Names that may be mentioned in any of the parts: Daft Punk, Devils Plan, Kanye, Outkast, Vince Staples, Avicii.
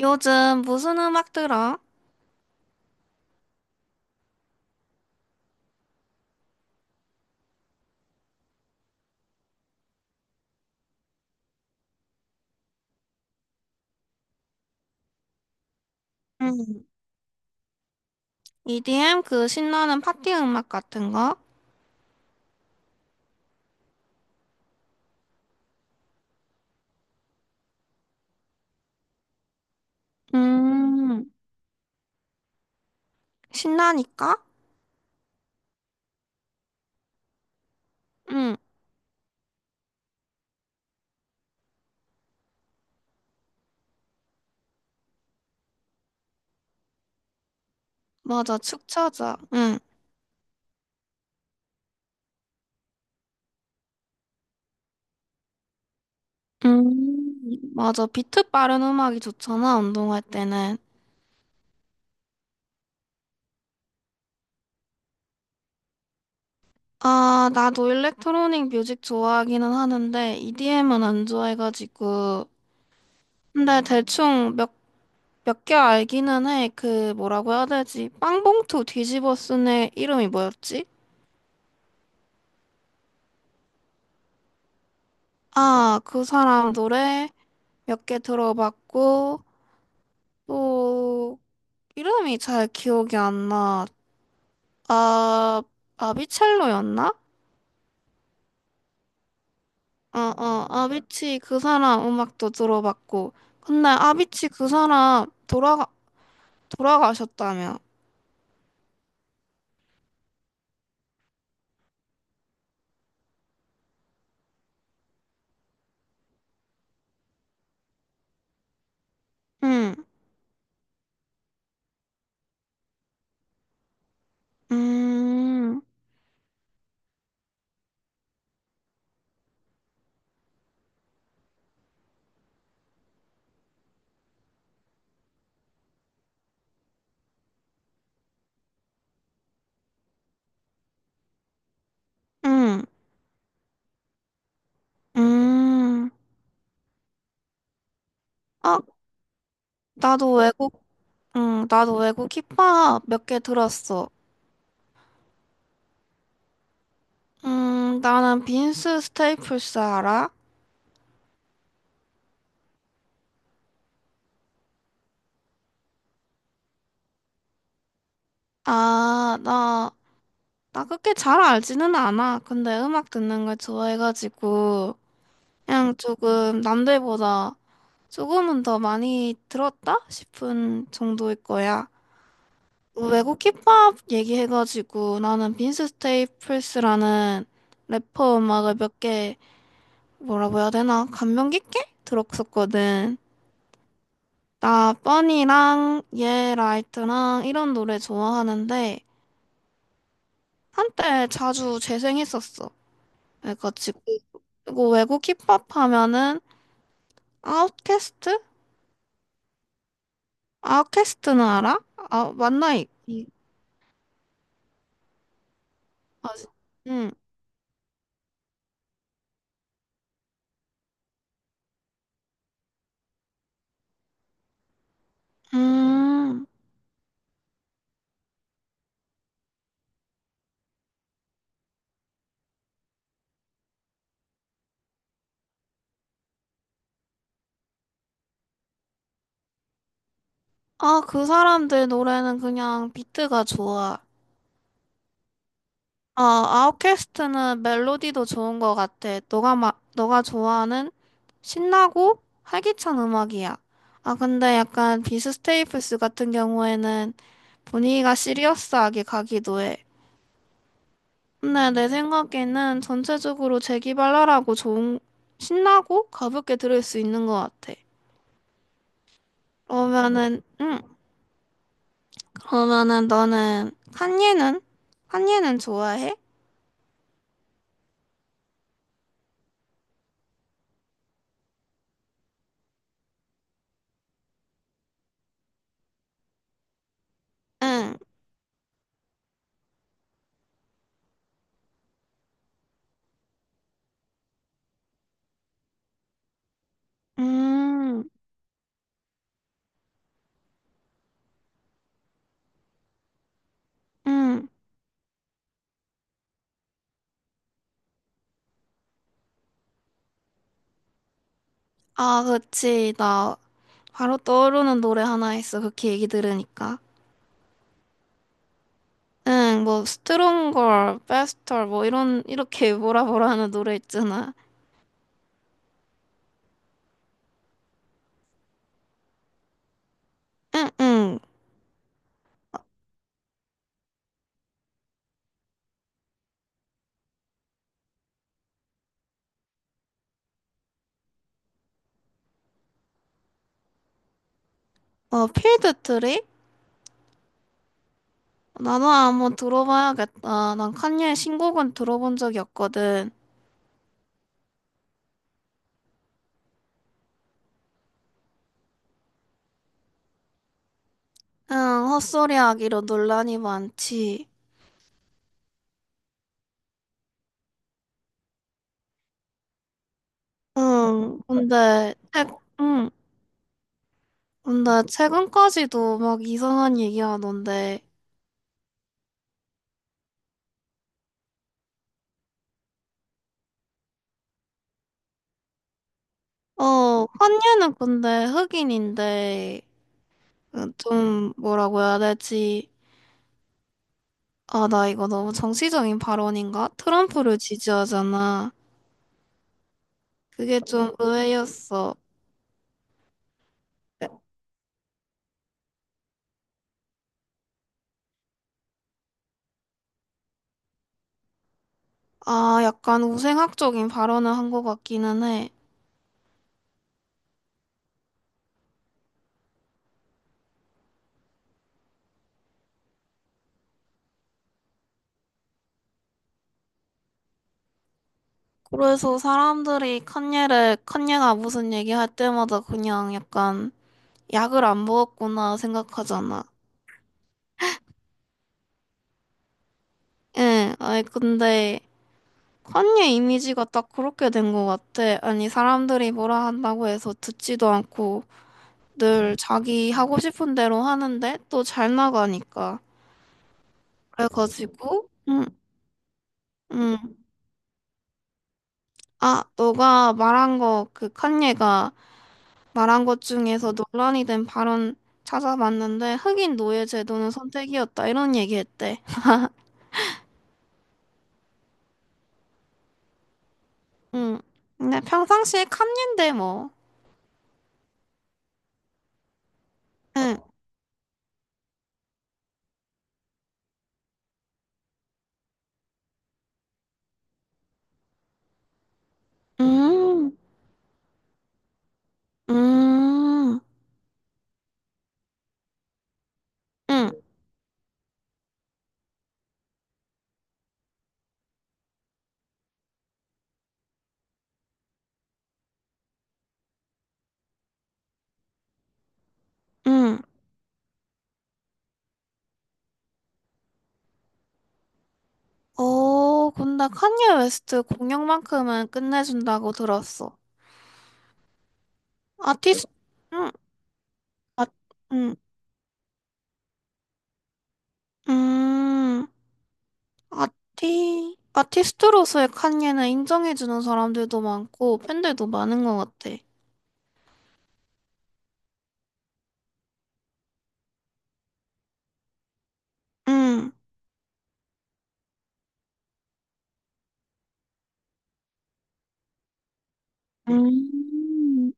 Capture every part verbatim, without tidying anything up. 요즘 무슨 음악 들어? 음, 이디엠 그 신나는 파티 음악 같은 거? 음, 신나니까? 응, 맞아, 축 처져. 응, 음, 맞아, 비트 빠른 음악이 좋잖아, 운동할 때는. 아, 나도 일렉트로닉 뮤직 좋아하기는 하는데, 이디엠은 안 좋아해가지고. 근데 대충 몇, 몇 개 알기는 해. 그, 뭐라고 해야 되지? 빵봉투 뒤집어 쓴애 이름이 뭐였지? 아, 그 사람 노래. 몇 개 들어봤고, 또, 이름이 잘 기억이 안 나. 아, 아비첼로였나? 어, 어, 아비치 그 사람 음악도 들어봤고. 근데 아비치 그 사람 돌아가, 돌아가셨다며. 응, 음, 응... 음. 아, 나도 외국, 응, 나도 외국 힙합 몇 개 들었어. 음, 나는 빈스 스테이플스 알아? 아, 나 나 그렇게 잘 알지는 않아. 근데 음악 듣는 걸 좋아해가지고, 그냥 조금 남들보다 조금은 더 많이 들었다? 싶은 정도일 거야. 외국 힙합 얘기해가지고, 나는 빈스 스테이플스라는 래퍼 음악을 몇 개, 뭐라고 해야 되나? 감명 깊게 들었었거든. 나 뻔이랑 예 라이트랑 이런 노래 좋아하는데, 한때 자주 재생했었어. 해가지고 그리고 외국 힙합 하면은 아웃캐스트? 아웃캐스트는 알아? 아 맞나 이? 이- 아, 응. 음. 아 그 사람들 노래는 그냥 비트가 좋아. 아 아웃캐스트는 멜로디도 좋은 것 같아. 너가 마, 너가 좋아하는 신나고 활기찬 음악이야. 아 근데 약간 비스 스테이플스 같은 경우에는 분위기가 시리어스하게 가기도 해. 근데 내 생각에는 전체적으로 재기발랄하고 좋은, 신나고 가볍게 들을 수 있는 것 같아. 그러면은, 응, 그러면은 너는, 칸예는? 칸예는 좋아해? 응, 음, 음. 아, 그치. 나 바로 떠오르는 노래 하나 있어. 그렇게 얘기 들으니까. 응, 뭐, 스트롱걸, 베스터, 뭐, 이런, 이렇게 뭐라 뭐라 하는 노래 있잖아. 응, 응. 어, 필드 트립? 나도 한번 들어봐야겠다. 난 칸예 신곡은 들어본 적이 없거든. 응, 헛소리 하기로 논란이 많지. 응, 근데, 최, 응, 근데 최근까지도 막 이상한 얘기 하던데. 어, 칸예는 근데 흑인인데, 어, 좀, 뭐라고 해야 되지? 아, 나 이거 너무 정치적인 발언인가? 트럼프를 지지하잖아. 그게 좀 의외였어. 아, 약간 우생학적인 발언을 한 것 같기는 해. 그래서 사람들이 칸예를, 칸예가 무슨 얘기할 때마다 그냥 약간 약을 안 먹었구나 생각하잖아. 예, 아니, 근데 칸예 이미지가 딱 그렇게 된 것 같아. 아니, 사람들이 뭐라 한다고 해서 듣지도 않고 늘 자기 하고 싶은 대로 하는데 또 잘 나가니까. 그래가지고, 응, 응. 아, 너가 말한 거 그 칸예가 말한 것 중에서 논란이 된 발언 찾아봤는데 흑인 노예 제도는 선택이었다 이런 얘기했대. 응. 근데 평상시에 칸인데 뭐. 응. 음. 음. 응. 응. 어, 근데 칸예 웨스트 공연만큼은 끝내준다고 들었어. 아티스. 응. 아. 응. 음. 아티. 아티스트로서의 칸예는 인정해주는 사람들도 많고 팬들도 많은 것 같아. 응. 음,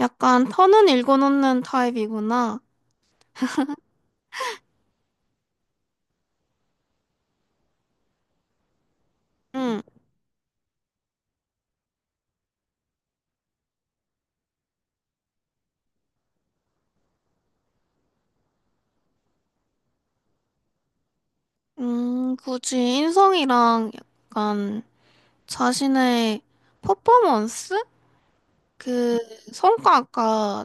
약간 터는 읽어놓는 타입이구나. 응. 음, 굳이 인성이랑 약간 자신의 퍼포먼스? 그 성과가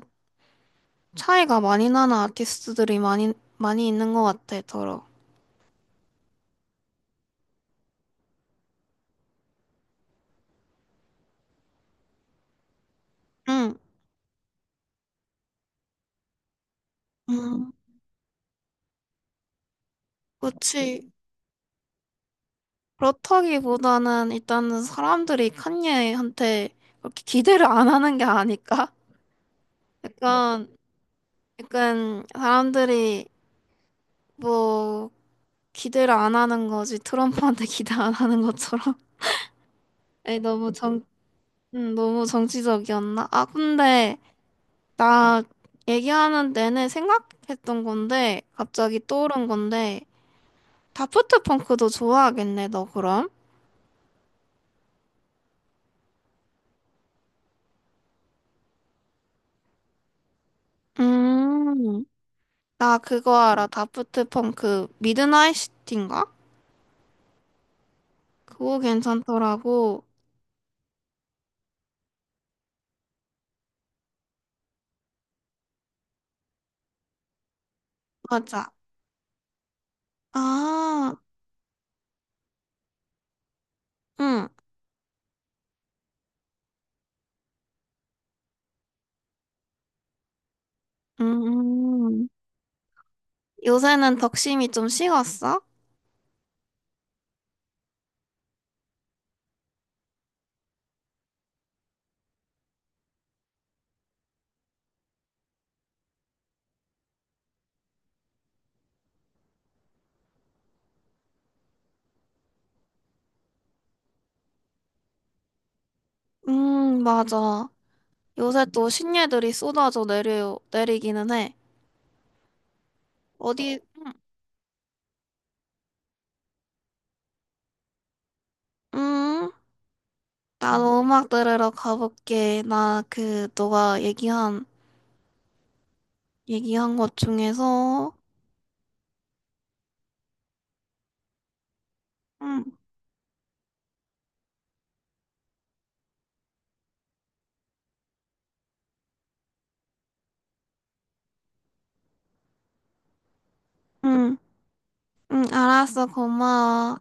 차이가 많이 나는 아티스트들이 많이, 많이 있는 것 같아, 더러. 응. 음, 그치. 그렇다기보다는 일단은 사람들이 칸예한테 그렇게 기대를 안 하는 게 아닐까? 약간, 약간 사람들이 뭐, 기대를 안 하는 거지. 트럼프한테 기대 안 하는 것처럼. 에이, 너무 정, 음, 너무 정치적이었나? 아, 근데 나 얘기하는 내내 생각했던 건데, 갑자기 떠오른 건데, 다프트 펑크도 좋아하겠네, 너 그럼? 음, 나 그거 알아. 다프트 펑크 미드나잇 시티인가? 그거 괜찮더라고. 맞아. 아, 응. 음, 요새는 덕심이 좀 식었어? 음, 맞아. 요새 또 신예들이 쏟아져 내려, 내리기는 해. 어디, 음, 나도 음악 들으러 가볼게. 나 그, 너가 얘기한, 얘기한 것 중에서. 응, 응, 응, 알았어. 고마워.